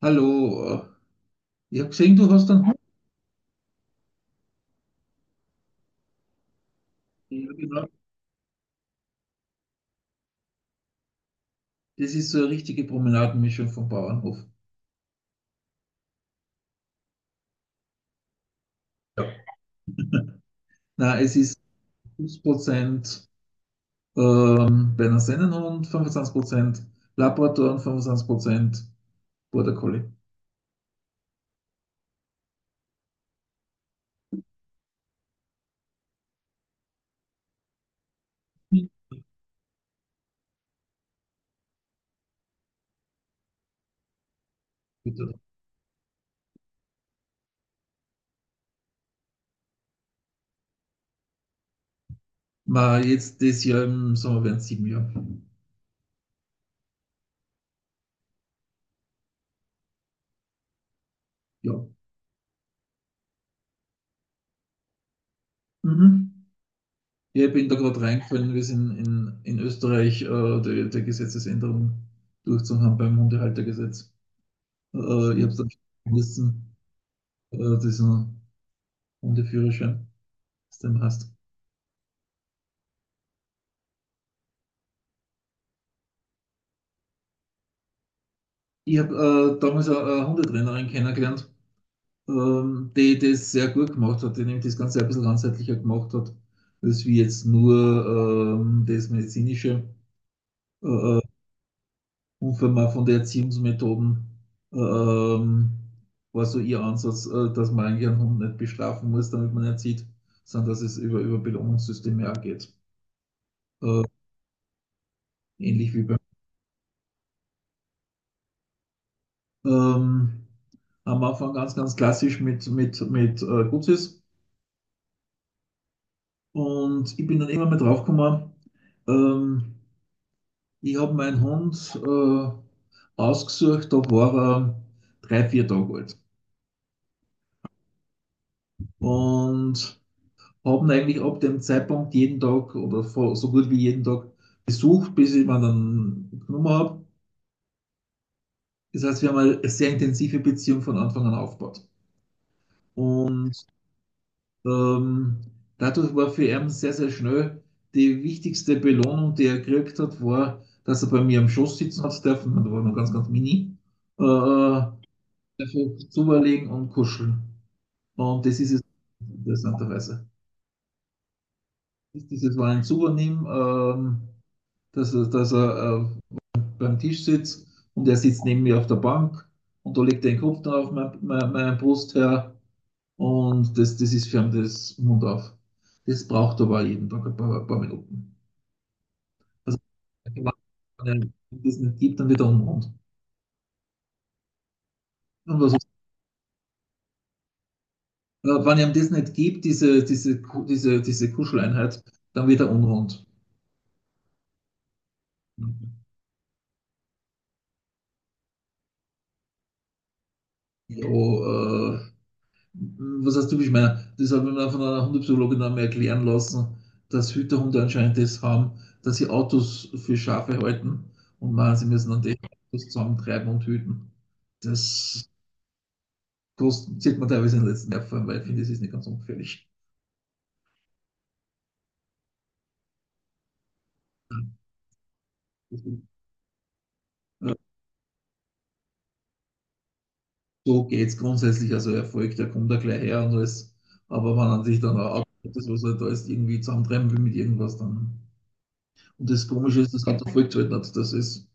Hallo, ich habe gesehen, du hast einen Hund. Ja, genau. Das ist so eine richtige Promenadenmischung vom Bauernhof. Ja. Na, es ist 50% Berner Sennenhund, 25% Labrador und 25% Border Collie. Mhm. Bitte. Ma, jetzt das Jahr im Sommer werden es sieben Jahre. Ja. Mhm. Ja, ich bin da gerade reingefallen. Wir sind in Österreich der Gesetzesänderung durchzuhaben beim Hundehaltergesetz. Äh, ich habe es dann schon gelesen. Das ist ein Hundeführerschein, was du eben hast. Ich habe damals eine Hundetrainerin kennengelernt, die das sehr gut gemacht hat, die nämlich das Ganze ein bisschen ganzheitlicher gemacht hat, als wie jetzt nur das medizinische äh, und von der Erziehungsmethoden ähm, war so ihr Ansatz, dass man eigentlich einen Hund nicht bestrafen muss, damit man ihn erzieht, sondern dass es über Belohnungssysteme auch geht. Ähnlich wie bei ähm, am Anfang ganz klassisch mit Gutsis. Und ich bin dann immer mal draufgekommen, ähm, ich habe meinen Hund ausgesucht, da war er drei, vier Tage alt. Und habe ihn eigentlich ab dem Zeitpunkt jeden Tag oder so gut wie jeden Tag besucht, bis ich ihn dann genommen habe. Das heißt, wir haben eine sehr intensive Beziehung von Anfang an aufgebaut. Und Ähm, dadurch war für ihn sehr schnell die wichtigste Belohnung, die er gekriegt hat, war, dass er bei mir am Schoß sitzen hat dürfen, und da war noch ganz mini, äh, dafür zuberlegen und kuscheln. Und das ist es interessanterweise. Das ist. Dieses war ein Zubernehmen, dass er beim Tisch sitzt und er sitzt neben mir auf der Bank und da legt er den Kopf dann auf meine Brust her. Und das, das ist für fern des Mund auf. Das braucht aber jeden Tag ein paar Minuten. Also, wenn einem das nicht gibt, dann wird er unrund. Und was, wenn ihm das nicht gibt, diese Kuscheleinheit, dann wird er unrund. Ja, was heißt typisch meiner? Das habe ich mir von einer Hundepsychologin einmal erklären lassen, dass Hüterhunde anscheinend das haben, dass sie Autos für Schafe halten und meinen, sie müssen dann die Autos zusammentreiben und hüten. Das. Das sieht man teilweise in den letzten Jahren, weil ich finde, das ist nicht ganz ungefährlich. So geht es grundsätzlich, also Erfolg, der kommt da gleich her und alles. Aber wenn man sich dann auch das, was er da ist, irgendwie zusammentreiben will mit irgendwas, dann. Und das Komische ist, das hat er vollgehalten hat. Das ist,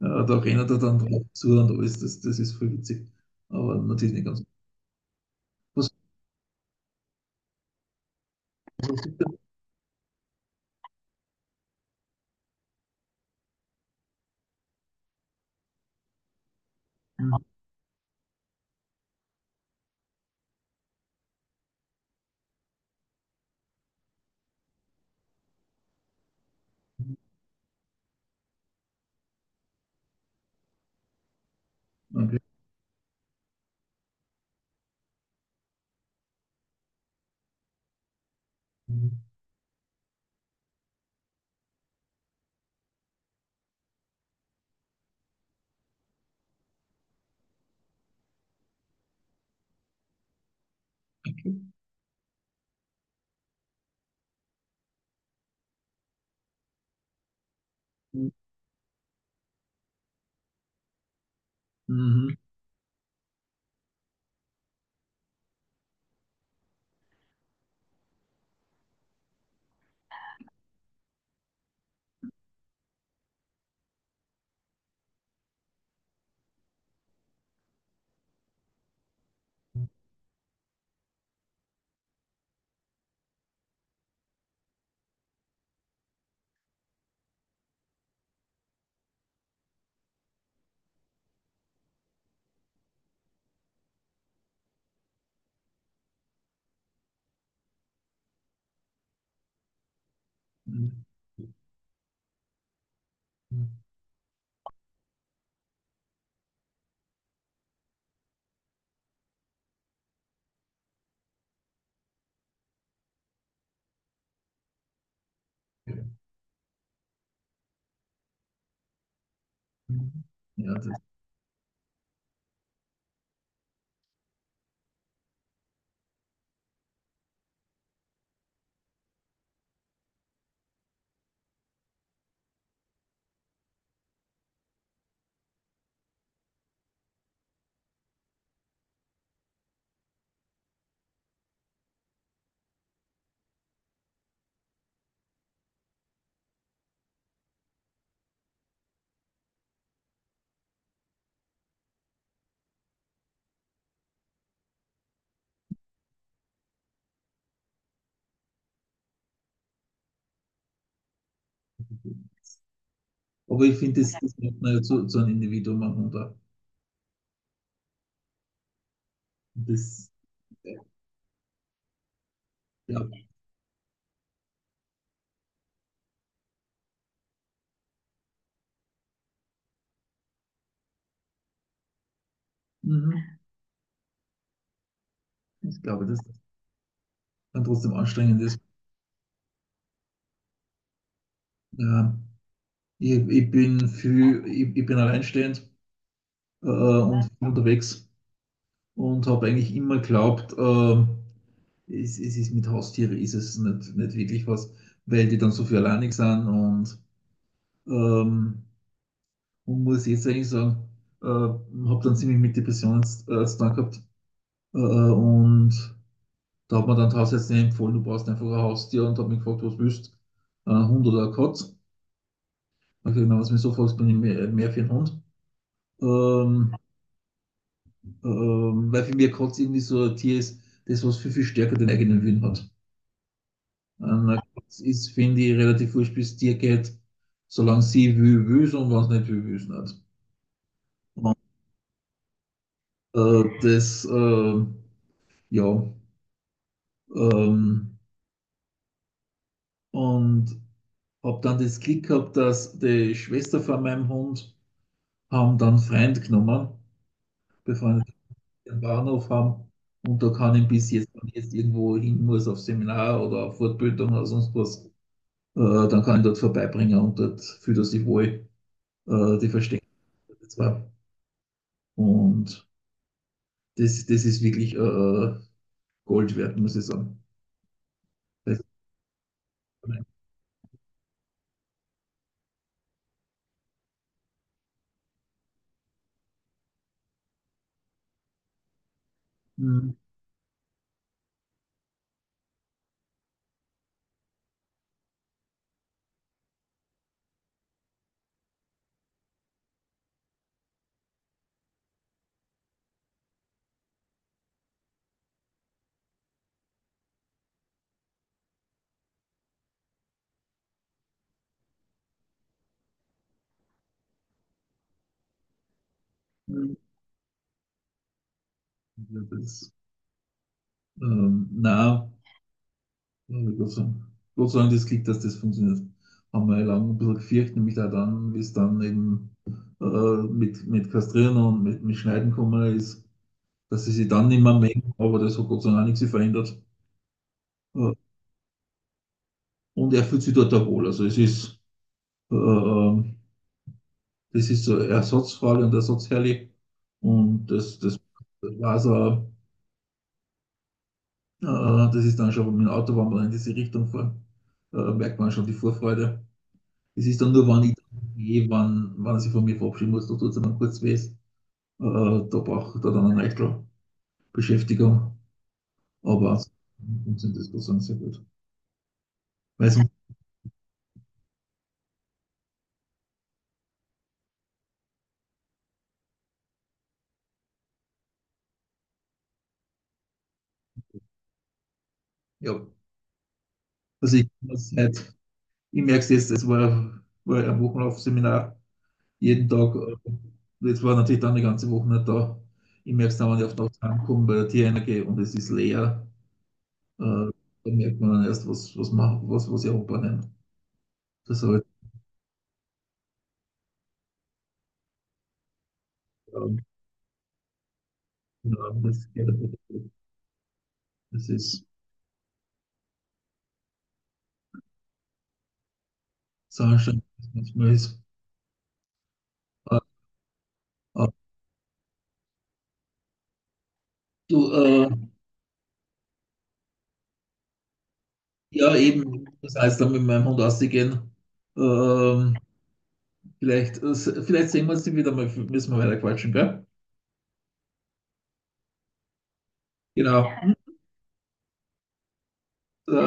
da rennt er dann drauf zu und alles, das ist voll witzig. Aber natürlich nicht ganz. Was, was ist denn? Okay. Mhm. Mhm. Ja, das ist. Aber ich finde, das macht man ja zu einem Individuum an und das, ja, mhm, ich glaube, das kann trotzdem anstrengend ist. Äh, ich, ich bin für ich bin alleinstehend und unterwegs und habe eigentlich immer geglaubt, es ist mit Haustieren ist es nicht wirklich was, weil die dann so viel alleinig sind ähm, und muss jetzt eigentlich sagen, habe dann ziemlich mit Depressionen zu tun gehabt und. Da hat mir dann tatsächlich Hausärztin empfohlen, du brauchst einfach ein Haustier und hat mich gefragt, was willst du? Ein Hund oder ein Katz? Hab ich habe gesagt, was du mich so fragst, bin ich mehr für einen Hund. Ähm, weil für mich ein Katz irgendwie so ein Tier ist, das was viel stärker den eigenen Willen hat. Ein Katz ist, finde ich, relativ wurscht, bis es dir geht, solange sie will, will und wenn es nicht will, will es nicht. Und, äh, das, äh, ja, ähm, und habe dann das Glück gehabt, dass die Schwester von meinem Hund haben dann Freund genommen, befreundet am Bahnhof haben. Und da kann ich bis jetzt, wenn ich jetzt irgendwo hin muss, auf Seminar oder auf Fortbildung oder sonst was, dann kann ich dort vorbeibringen und dort fühlt er sich wohl. Die verstehen das zwar. Und das, das ist wirklich Gold wert, muss ich sagen. Das, ähm, na, Und Gott sei Dank das Glück, dass das funktioniert. Haben wir lange ein bisschen gefürchtet, nämlich auch dann, wie es dann eben mit Kastrieren und mit Schneiden gekommen ist, dass sie sich dann nicht mehr mengen, aber das hat Gott sei Dank auch nichts verändert. Äh, und er fühlt sich dort auch wohl. Also es ist, äh, äh, das ist so ersatzfrei und ersatzherrlich. Und das war's auch. Äh, das ist dann schon mit dem Auto, wenn wir in diese Richtung fahren, merkt man schon die Vorfreude. Das ist dann nur, wenn ich dann gehe, wenn, wenn er sich von mir verabschieden muss, da tut es dann kurz weh. Da braucht er dann eine Eichel Beschäftigung. Aber ansonsten sind das sozusagen sehr gut. Weil sonst- ja, also ich merke es jetzt, war ein Wochenlaufseminar jeden Tag. Jetzt war natürlich dann die ganze Woche nicht da. Ich merke es dann, wenn ich auf den Tag heimkomme, bei der Tierheime gehe und es ist leer. Äh, da merkt man dann erst, was, was ich anbringen. Das halt, ähm, genau, das ist. Sascha, was manchmal ist. Äh, äh, du, äh, ja, eben, das heißt, dann mit meinem Hund ausgehen. Ähm, vielleicht, äh, vielleicht sehen wir uns wieder mal, müssen wir weiter quatschen, gell? Genau. Äh,